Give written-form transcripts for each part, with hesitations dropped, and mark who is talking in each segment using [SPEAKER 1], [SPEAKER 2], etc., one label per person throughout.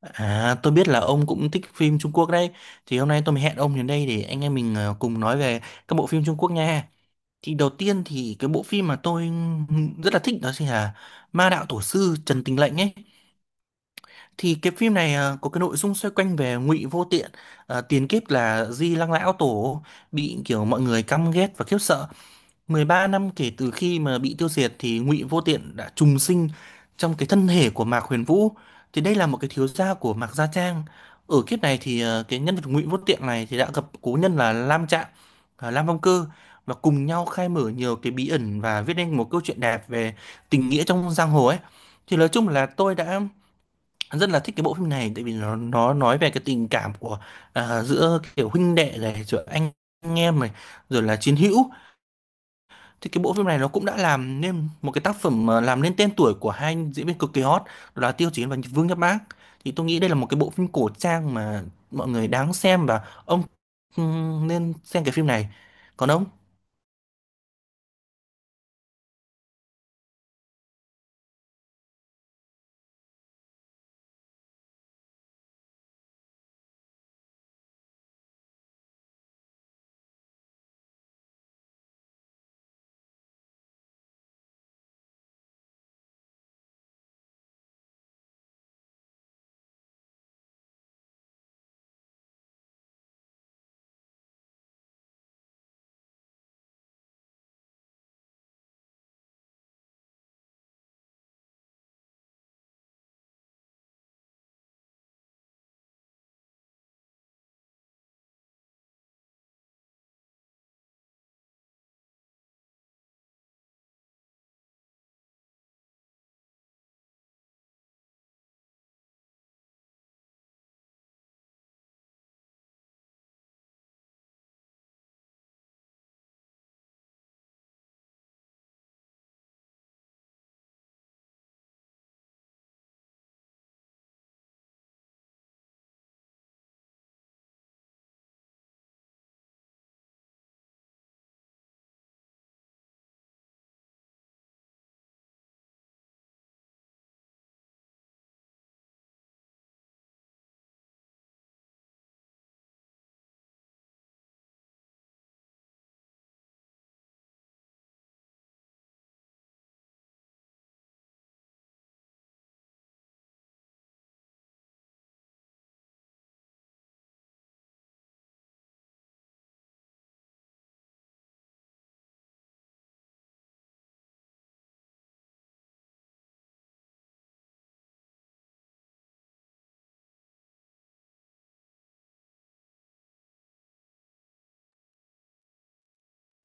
[SPEAKER 1] À, tôi biết là ông cũng thích phim Trung Quốc đấy. Thì hôm nay tôi mới hẹn ông đến đây để anh em mình cùng nói về các bộ phim Trung Quốc nha. Thì đầu tiên thì cái bộ phim mà tôi rất là thích đó chính là Ma Đạo Tổ Sư Trần Tình Lệnh ấy. Thì cái phim này có cái nội dung xoay quanh về Ngụy Vô Tiện, tiền kiếp là Di Lăng Lão Tổ, bị kiểu mọi người căm ghét và khiếp sợ. 13 năm kể từ khi mà bị tiêu diệt thì Ngụy Vô Tiện đã trùng sinh trong cái thân thể của Mạc Huyền Vũ. Thì đây là một cái thiếu gia của Mạc Gia Trang. Ở kiếp này thì cái nhân vật Ngụy Vô Tiện này thì đã gặp cố nhân là Lam Trạng, Lam Phong Cơ, và cùng nhau khai mở nhiều cái bí ẩn và viết nên một câu chuyện đẹp về tình nghĩa trong giang hồ ấy. Thì nói chung là tôi đã rất là thích cái bộ phim này tại vì nó nói về cái tình cảm của giữa kiểu huynh đệ này, giữa anh em này, rồi là chiến hữu. Thì cái bộ phim này nó cũng đã làm nên một cái tác phẩm mà làm nên tên tuổi của hai anh diễn viên cực kỳ hot, đó là Tiêu Chiến và Vương Nhất Bác. Thì tôi nghĩ đây là một cái bộ phim cổ trang mà mọi người đáng xem, và ông nên xem cái phim này. Còn ông?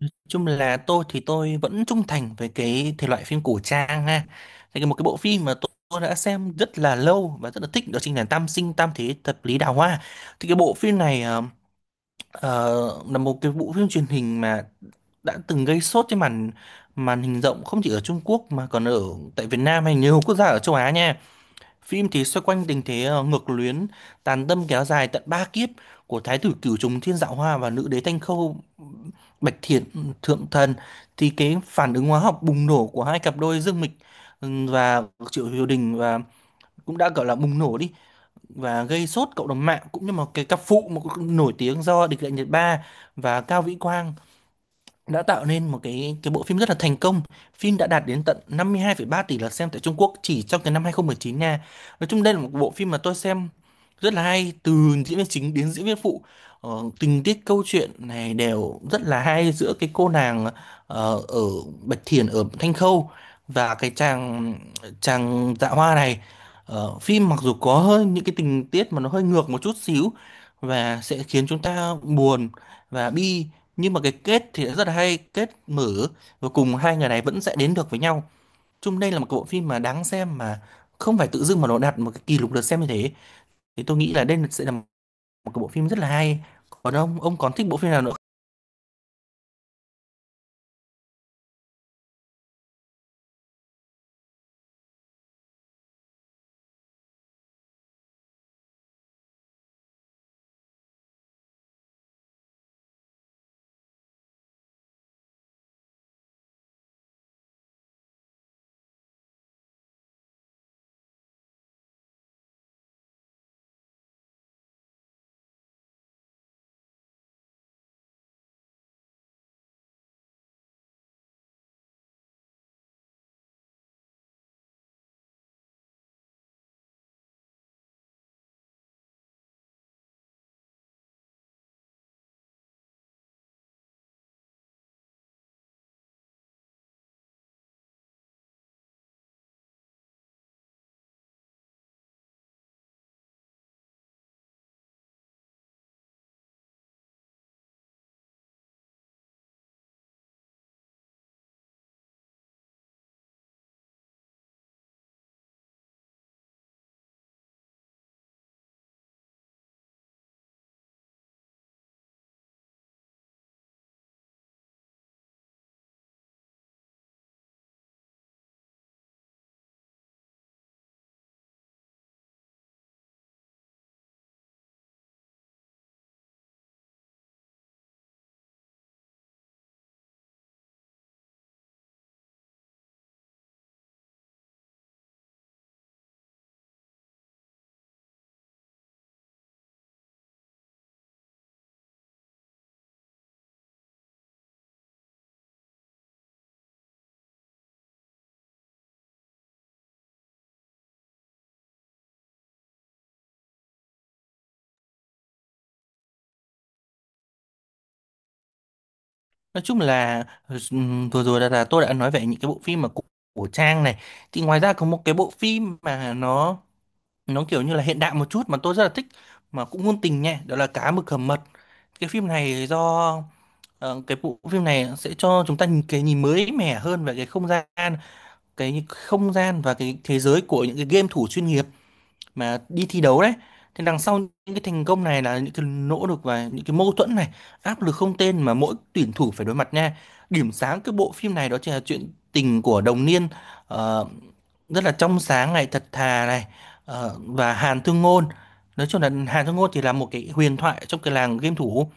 [SPEAKER 1] Nói chung là tôi thì tôi vẫn trung thành với cái thể loại phim cổ trang ha. Thì cái một cái bộ phim mà tôi đã xem rất là lâu và rất là thích đó chính là Tam Sinh Tam Thế Thập Lý Đào Hoa. Thì cái bộ phim này là một cái bộ phim truyền hình mà đã từng gây sốt trên màn màn hình rộng, không chỉ ở Trung Quốc mà còn ở tại Việt Nam hay nhiều quốc gia ở châu Á nha. Phim thì xoay quanh tình thế ngược luyến, tàn tâm kéo dài tận ba kiếp của Thái tử Cửu Trùng Thiên Dạo Hoa và nữ đế Thanh Khâu Bạch Thiện Thượng Thần. Thì cái phản ứng hóa học bùng nổ của hai cặp đôi Dương Mịch và Triệu Hiểu Đình và cũng đã gọi là bùng nổ đi, và gây sốt cộng đồng mạng, cũng như một cái cặp phụ mà cũng nổi tiếng do Địch Lệ Nhiệt Ba và Cao Vĩ Quang đã tạo nên một cái bộ phim rất là thành công. Phim đã đạt đến tận 52,3 tỷ lượt xem tại Trung Quốc chỉ trong cái năm 2019 nha. Nói chung đây là một bộ phim mà tôi xem rất là hay, từ diễn viên chính đến diễn viên phụ. Ờ, Tình tiết câu chuyện này đều rất là hay, giữa cái cô nàng ở Bạch Thiền ở Thanh Khâu và cái chàng chàng Dạ Hoa này. Phim mặc dù có hơi những cái tình tiết mà nó hơi ngược một chút xíu và sẽ khiến chúng ta buồn và bi, nhưng mà cái kết thì rất là hay, kết mở, và cùng hai người này vẫn sẽ đến được với nhau. Chung đây là một bộ phim mà đáng xem, mà không phải tự dưng mà nó đạt một cái kỷ lục lượt xem như thế. Thì tôi nghĩ là đây sẽ là một cái bộ phim rất là hay. Còn ông còn thích bộ phim nào nữa? Nói chung là, vừa rồi là tôi đã nói về những cái bộ phim mà của Trang này. Thì ngoài ra có một cái bộ phim mà nó kiểu như là hiện đại một chút mà tôi rất là thích, mà cũng ngôn tình nha, đó là Cá Mực Hầm Mật. Cái phim này do. Cái bộ phim này sẽ cho chúng ta nhìn cái nhìn mới mẻ hơn về cái không gian và cái thế giới của những cái game thủ chuyên nghiệp mà đi thi đấu đấy. Thì đằng sau những cái thành công này là những cái nỗ lực và những cái mâu thuẫn này, áp lực không tên mà mỗi tuyển thủ phải đối mặt nha. Điểm sáng cái bộ phim này đó chính là chuyện tình của Đồng Niên, ờ, rất là trong sáng này, thật thà này, và Hàn Thương Ngôn. Nói chung là Hàn Thương Ngôn thì là một cái huyền thoại trong cái làng game thủ.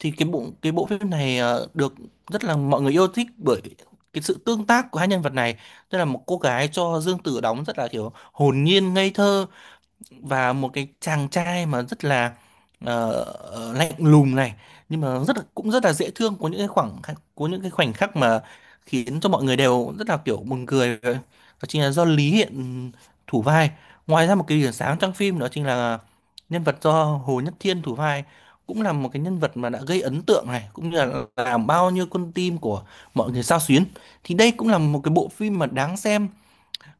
[SPEAKER 1] Thì cái bộ phim này được rất là mọi người yêu thích bởi cái sự tương tác của hai nhân vật này, tức là một cô gái cho Dương Tử đóng rất là kiểu hồn nhiên ngây thơ, và một cái chàng trai mà rất là ờ, lạnh lùng này, nhưng mà rất là cũng rất là dễ thương, có những cái khoảnh khắc mà khiến cho mọi người đều rất là kiểu buồn cười, đó chính là do Lý Hiện thủ vai. Ngoài ra một cái điểm sáng trong phim đó chính là nhân vật do Hồ Nhất Thiên thủ vai, cũng là một cái nhân vật mà đã gây ấn tượng này, cũng như là làm bao nhiêu con tim của mọi người xao xuyến. Thì đây cũng là một cái bộ phim mà đáng xem,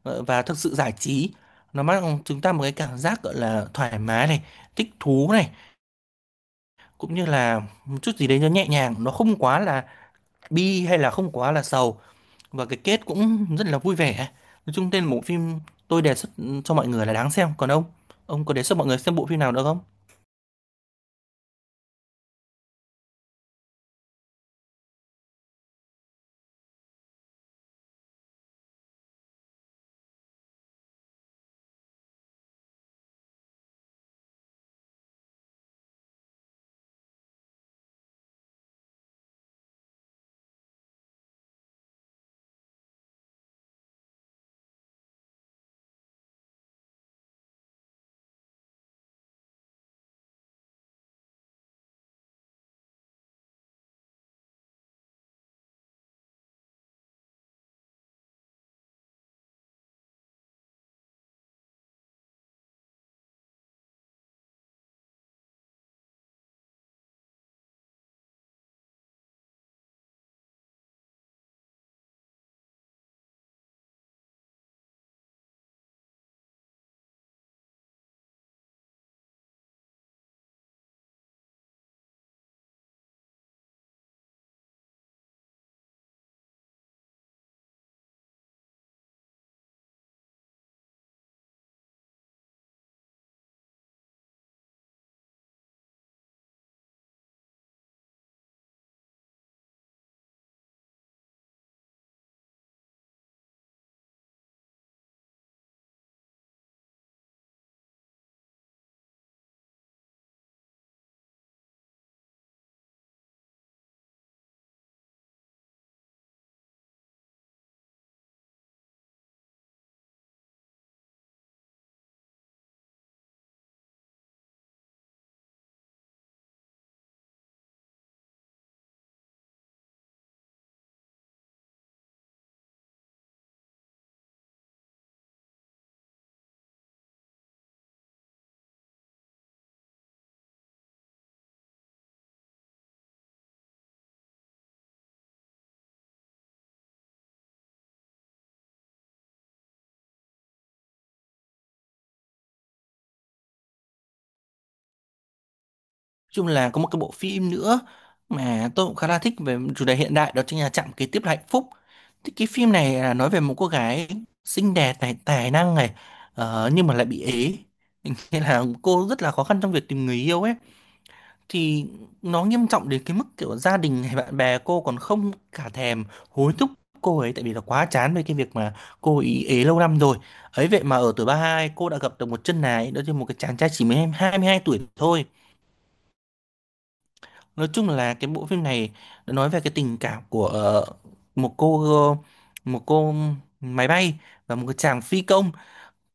[SPEAKER 1] Và thực sự giải trí. Nó mang chúng ta một cái cảm giác gọi là thoải mái này, thích thú này, cũng như là một chút gì đấy nó nhẹ nhàng, nó không quá là bi hay là không quá là sầu, và cái kết cũng rất là vui vẻ. Nói chung tên bộ phim tôi đề xuất cho mọi người là đáng xem. Còn ông có đề xuất mọi người xem bộ phim nào nữa không? Chung là có một cái bộ phim nữa mà tôi cũng khá là thích về chủ đề hiện đại, đó chính là Chạm Kế Tiếp Là Hạnh Phúc. Thì cái phim này là nói về một cô gái xinh đẹp này, tài năng này, nhưng mà lại bị ế, nên là cô rất là khó khăn trong việc tìm người yêu ấy. Thì nó nghiêm trọng đến cái mức kiểu gia đình hay bạn bè cô còn không cả thèm hối thúc cô ấy, tại vì là quá chán với cái việc mà cô ý ế lâu năm rồi. Ấy vậy mà ở tuổi 32, cô đã gặp được một chân ái, đó chính là một cái chàng trai chỉ mới 22 tuổi thôi. Nói chung là cái bộ phim này nó nói về cái tình cảm của một cô một cô máy bay và một cái chàng phi công.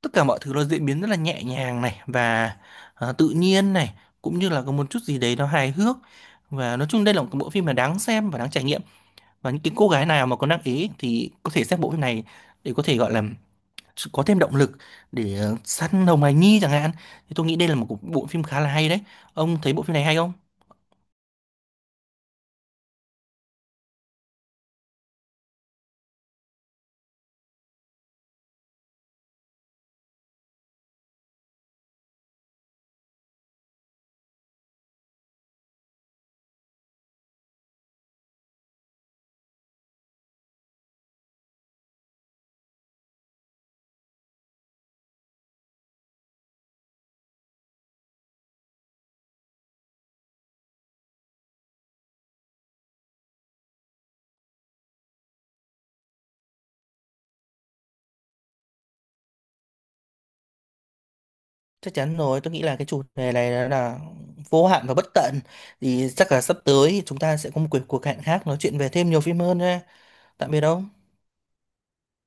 [SPEAKER 1] Tất cả mọi thứ nó diễn biến rất là nhẹ nhàng này và tự nhiên này, cũng như là có một chút gì đấy nó hài hước. Và nói chung đây là một cái bộ phim mà đáng xem và đáng trải nghiệm. Và những cái cô gái nào mà có năng ý thì có thể xem bộ phim này để có thể gọi là có thêm động lực để săn hồng hài nhi chẳng hạn. Thì tôi nghĩ đây là một bộ phim khá là hay đấy. Ông thấy bộ phim này hay không? Chắc chắn rồi, tôi nghĩ là cái chủ đề này là vô hạn và bất tận. Thì chắc là sắp tới chúng ta sẽ có một cuộc cuộc hẹn khác, nói chuyện về thêm nhiều phim hơn nha. Tạm biệt ông.